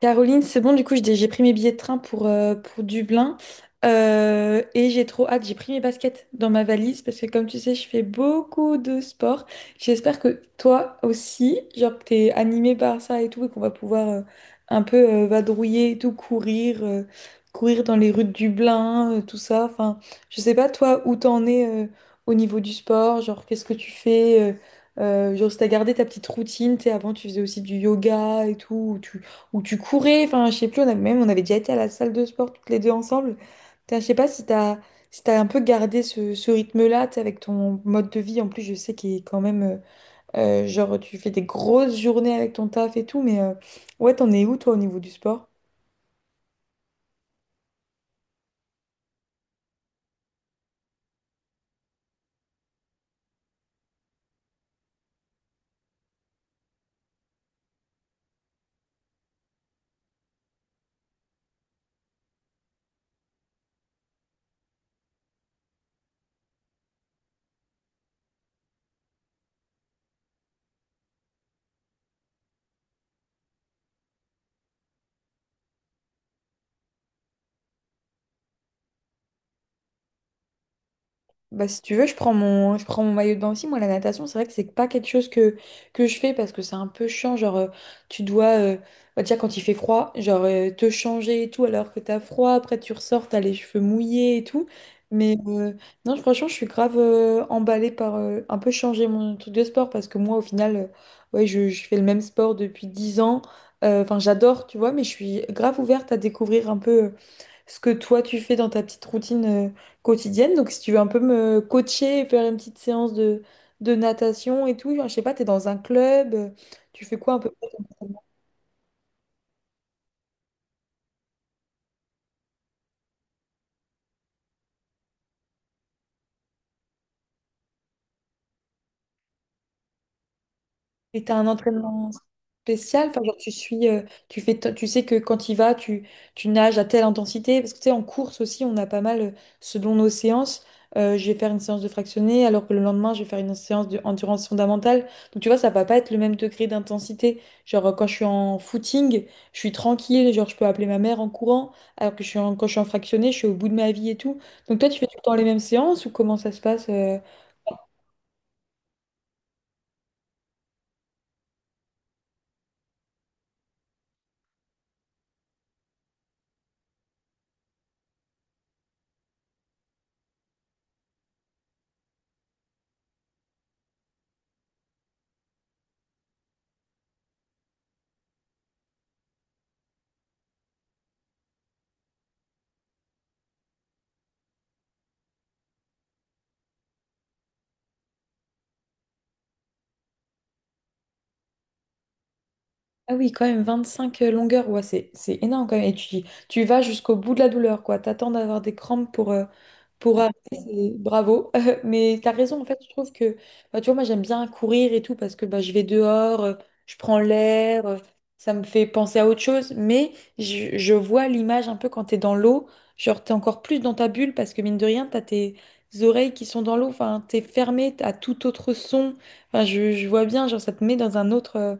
Caroline, c'est bon, du coup, j'ai pris mes billets de train pour Dublin. Et j'ai trop hâte. J'ai pris mes baskets dans ma valise parce que, comme tu sais, je fais beaucoup de sport. J'espère que toi aussi, genre, que t'es animé par ça et tout et qu'on va pouvoir un peu vadrouiller et tout, courir dans les rues de Dublin, tout ça. Enfin, je sais pas, toi, où t'en es au niveau du sport, genre, qu'est-ce que tu fais genre, si t'as gardé ta petite routine, tu sais, avant tu faisais aussi du yoga et tout, ou tu, où tu courais, enfin, je sais plus, même on avait déjà été à la salle de sport toutes les deux ensemble. Putain, je sais pas si t'as un peu gardé ce rythme-là, tu sais, avec ton mode de vie. En plus, je sais qu'il est quand même, genre, tu fais des grosses journées avec ton taf et tout, mais ouais, t'en es où, toi, au niveau du sport? Bah, si tu veux, je prends mon maillot de bain aussi. Moi, la natation, c'est vrai que c'est pas quelque chose que je fais parce que c'est un peu chiant. Genre, tu dois, bah, déjà quand il fait froid, genre te changer et tout alors que t'as froid. Après, tu ressors, t'as les cheveux mouillés et tout. Mais non, franchement, je suis grave emballée par un peu changer mon truc de sport parce que moi, au final, ouais, je fais le même sport depuis 10 ans. Enfin, j'adore, tu vois, mais je suis grave ouverte à découvrir un peu ce que toi, tu fais dans ta petite routine quotidienne. Donc, si tu veux un peu me coacher et faire une petite séance de natation et tout, je sais pas, tu es dans un club, tu fais quoi un peu? Et t'as un entraînement spécial, enfin, genre tu suis, tu fais, tu sais que quand il va, tu nages à telle intensité, parce que tu sais, en course aussi, on a pas mal, selon nos séances, je vais faire une séance de fractionné, alors que le lendemain, je vais faire une séance de endurance fondamentale. Donc tu vois, ça va pas être le même degré d'intensité. Genre, quand je suis en footing, je suis tranquille, genre je peux appeler ma mère en courant, alors que quand je suis en fractionné, je suis au bout de ma vie et tout. Donc toi, tu fais tout le temps les mêmes séances ou comment ça se passe? Ah oui, quand même, 25 longueurs, ouais, c'est énorme quand même. Et tu vas jusqu'au bout de la douleur, quoi. T'attends d'avoir des crampes pour arrêter, c'est bravo. Mais t'as raison, en fait, je trouve que, bah, tu vois, moi j'aime bien courir et tout parce que bah, je vais dehors, je prends l'air, ça me fait penser à autre chose. Mais je vois l'image un peu quand t'es dans l'eau, genre t'es encore plus dans ta bulle parce que mine de rien, t'as tes oreilles qui sont dans l'eau, enfin, t'es fermé à tout autre son. Enfin, je vois bien, genre ça te met dans un autre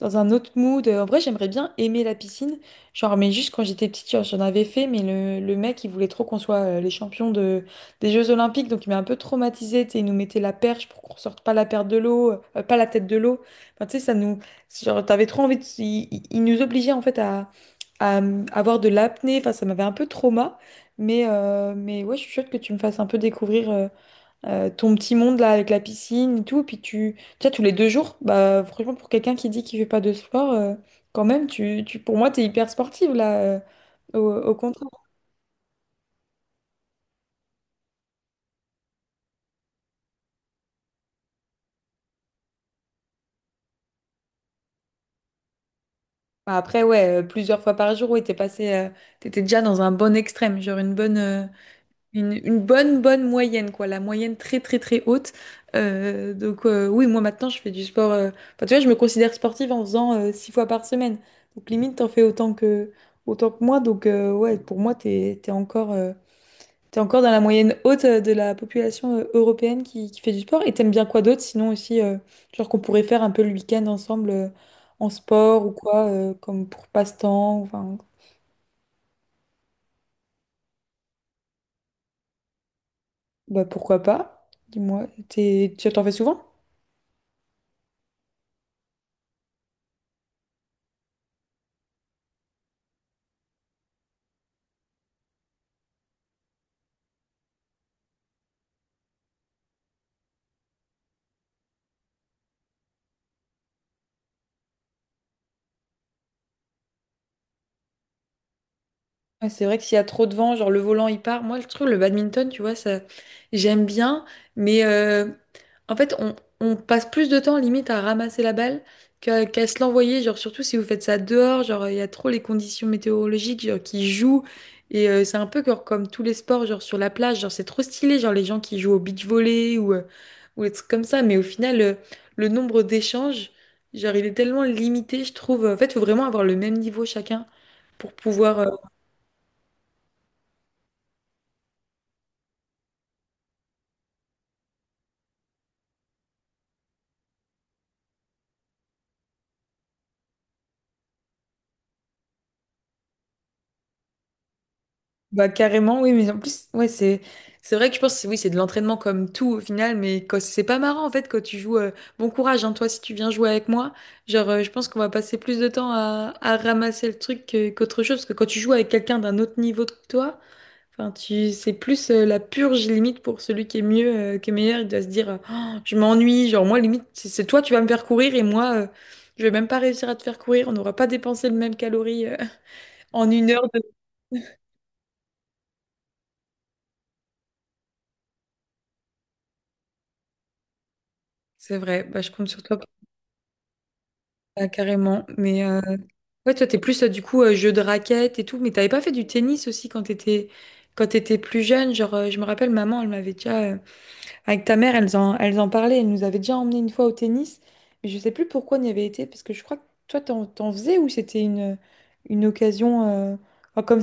dans un autre mood. En vrai, j'aimerais bien aimer la piscine. Genre, mais juste quand j'étais petite, genre, j'en avais fait, mais le mec, il voulait trop qu'on soit les champions des Jeux Olympiques, donc il m'a un peu traumatisée. Tu sais, il nous mettait la perche pour qu'on sorte pas la perte de l'eau, pas la tête de l'eau. Enfin, tu sais, ça nous. Genre, t'avais trop envie de. Il nous obligeait, en fait, à avoir de l'apnée. Enfin, ça m'avait un peu trauma. Mais ouais, je suis chouette que tu me fasses un peu découvrir, ton petit monde là avec la piscine et tout, puis tu sais, tous les 2 jours, bah franchement pour quelqu'un qui dit qu'il fait pas de sport, quand même, pour moi t'es hyper sportive là, au contraire. Bah, après ouais, plusieurs fois par jour, ouais t'étais déjà dans un bon extrême, genre une bonne, une bonne bonne moyenne quoi, la moyenne très très très haute. Donc, oui, moi maintenant je fais du sport, enfin, tu vois, je me considère sportive en faisant 6 fois par semaine. Donc limite t'en fais autant que moi, donc ouais, pour moi t'es encore dans la moyenne haute de la population européenne qui fait du sport. Et t'aimes bien quoi d'autre? Sinon aussi, genre qu'on pourrait faire un peu le week-end ensemble en sport ou quoi, comme pour passe-temps. Enfin, bah pourquoi pas? Dis-moi, tu t'en fais souvent? Ouais, c'est vrai que s'il y a trop de vent, genre le volant il part. Moi, je trouve le badminton, tu vois, ça j'aime bien, mais en fait, on passe plus de temps limite à ramasser la balle qu'à se l'envoyer. Genre, surtout si vous faites ça dehors, genre il y a trop les conditions météorologiques genre, qui jouent. Et c'est un peu genre comme tous les sports, genre sur la plage, genre c'est trop stylé, genre les gens qui jouent au beach volley ou des trucs comme ça. Mais au final, le nombre d'échanges, genre il est tellement limité, je trouve. En fait, il faut vraiment avoir le même niveau chacun pour pouvoir. Bah carrément, oui, mais en plus, ouais, c'est vrai que je pense, oui, c'est de l'entraînement comme tout au final, mais c'est pas marrant en fait quand tu joues. Bon courage, hein, toi, si tu viens jouer avec moi, genre, je pense qu'on va passer plus de temps à ramasser le truc qu'autre chose, parce que quand tu joues avec quelqu'un d'un autre niveau que toi, enfin, tu c'est plus la purge limite pour celui qui est mieux, qui est meilleur, il doit se dire, oh, je m'ennuie, genre moi limite, c'est toi, tu vas me faire courir et moi, je vais même pas réussir à te faire courir, on n'aura pas dépensé le même calorie en 1 heure de. C'est vrai, bah, je compte sur toi. Ah, carrément. Mais ouais, toi, t'es plus du coup jeu de raquette et tout. Mais t'avais pas fait du tennis aussi quand t'étais plus jeune. Genre, je me rappelle, maman, elle m'avait déjà avec ta mère, elles en parlaient. Elle nous avait déjà emmené une fois au tennis. Mais je sais plus pourquoi on y avait été parce que je crois que toi, t'en faisais ou c'était une occasion enfin, comme.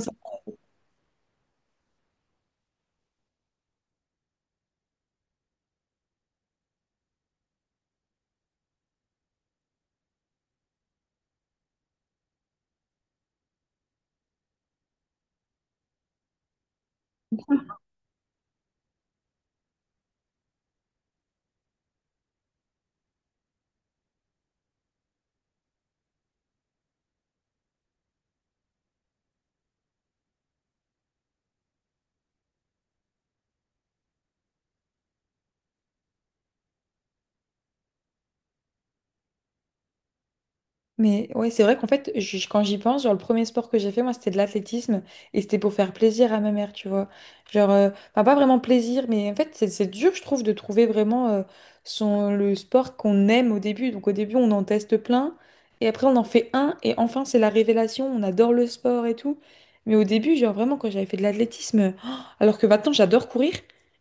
Mais ouais, c'est vrai qu'en fait, quand j'y pense, genre le premier sport que j'ai fait, moi, c'était de l'athlétisme et c'était pour faire plaisir à ma mère, tu vois. Genre, enfin, pas vraiment plaisir, mais en fait, c'est dur, je trouve, de trouver vraiment son, le sport qu'on aime au début. Donc, au début, on en teste plein et après, on en fait un et enfin, c'est la révélation, on adore le sport et tout. Mais au début, genre vraiment, quand j'avais fait de l'athlétisme, oh, alors que maintenant, j'adore courir,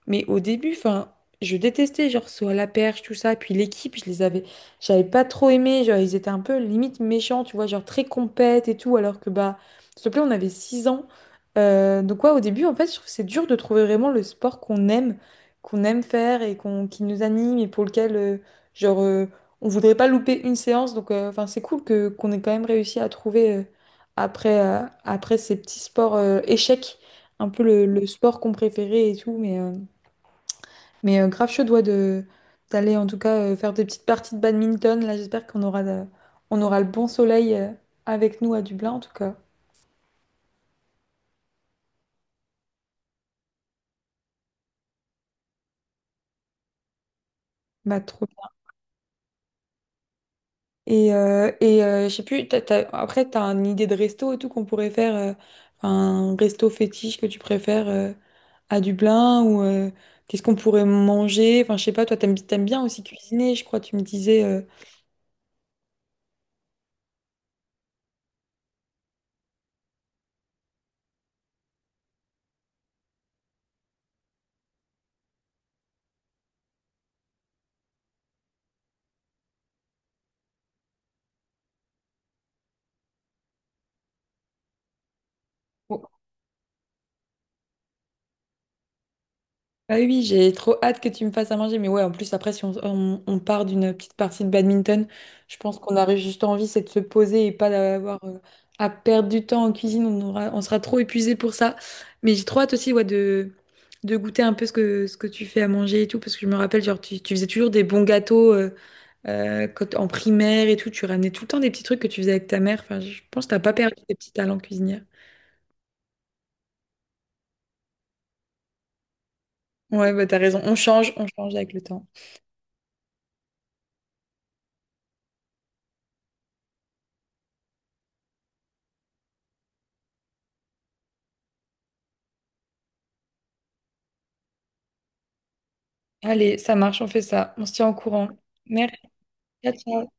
mais au début, enfin, je détestais, genre, saut à la perche, tout ça, puis l'équipe, je les avais j'avais pas trop aimé, genre ils étaient un peu limite méchants, tu vois, genre très compètes et tout, alors que bah, s'il te plaît, on avait 6 ans. Donc ouais, au début, en fait, je trouve que c'est dur de trouver vraiment le sport qu'on aime faire et qu'on, qui nous anime et pour lequel, genre, euh, on voudrait pas louper une séance. Donc, enfin, c'est cool que qu'on ait quand même réussi à trouver après, euh, après ces petits sports échecs, un peu le sport qu'on préférait et tout, grave chaud doigt de d'aller en tout cas faire des petites parties de badminton. Là, j'espère on aura le bon soleil avec nous à Dublin en tout cas. Bah trop bien. Et, je sais plus, après t'as une idée de resto et tout qu'on pourrait faire un resto fétiche que tu préfères à Dublin ou qu'est-ce qu'on pourrait manger? Enfin je sais pas, toi t'aimes bien aussi cuisiner, je crois tu me disais. Ah oui, oui, j'ai trop hâte que tu me fasses à manger. Mais ouais, en plus, après, si on part d'une petite partie de badminton, je pense qu'on aurait juste envie, c'est de se poser et pas d'avoir à perdre du temps en cuisine. On sera trop épuisé pour ça. Mais j'ai trop hâte aussi, ouais, de goûter un peu ce que tu fais à manger et tout. Parce que je me rappelle, genre, tu faisais toujours des bons gâteaux en primaire et tout. Tu ramenais tout le temps des petits trucs que tu faisais avec ta mère. Enfin, je pense que t'as pas perdu tes petits talents cuisinières. Ouais, bah t'as raison. On change avec le temps. Allez, ça marche, on fait ça. On se tient au courant. Merci, ciao, ciao.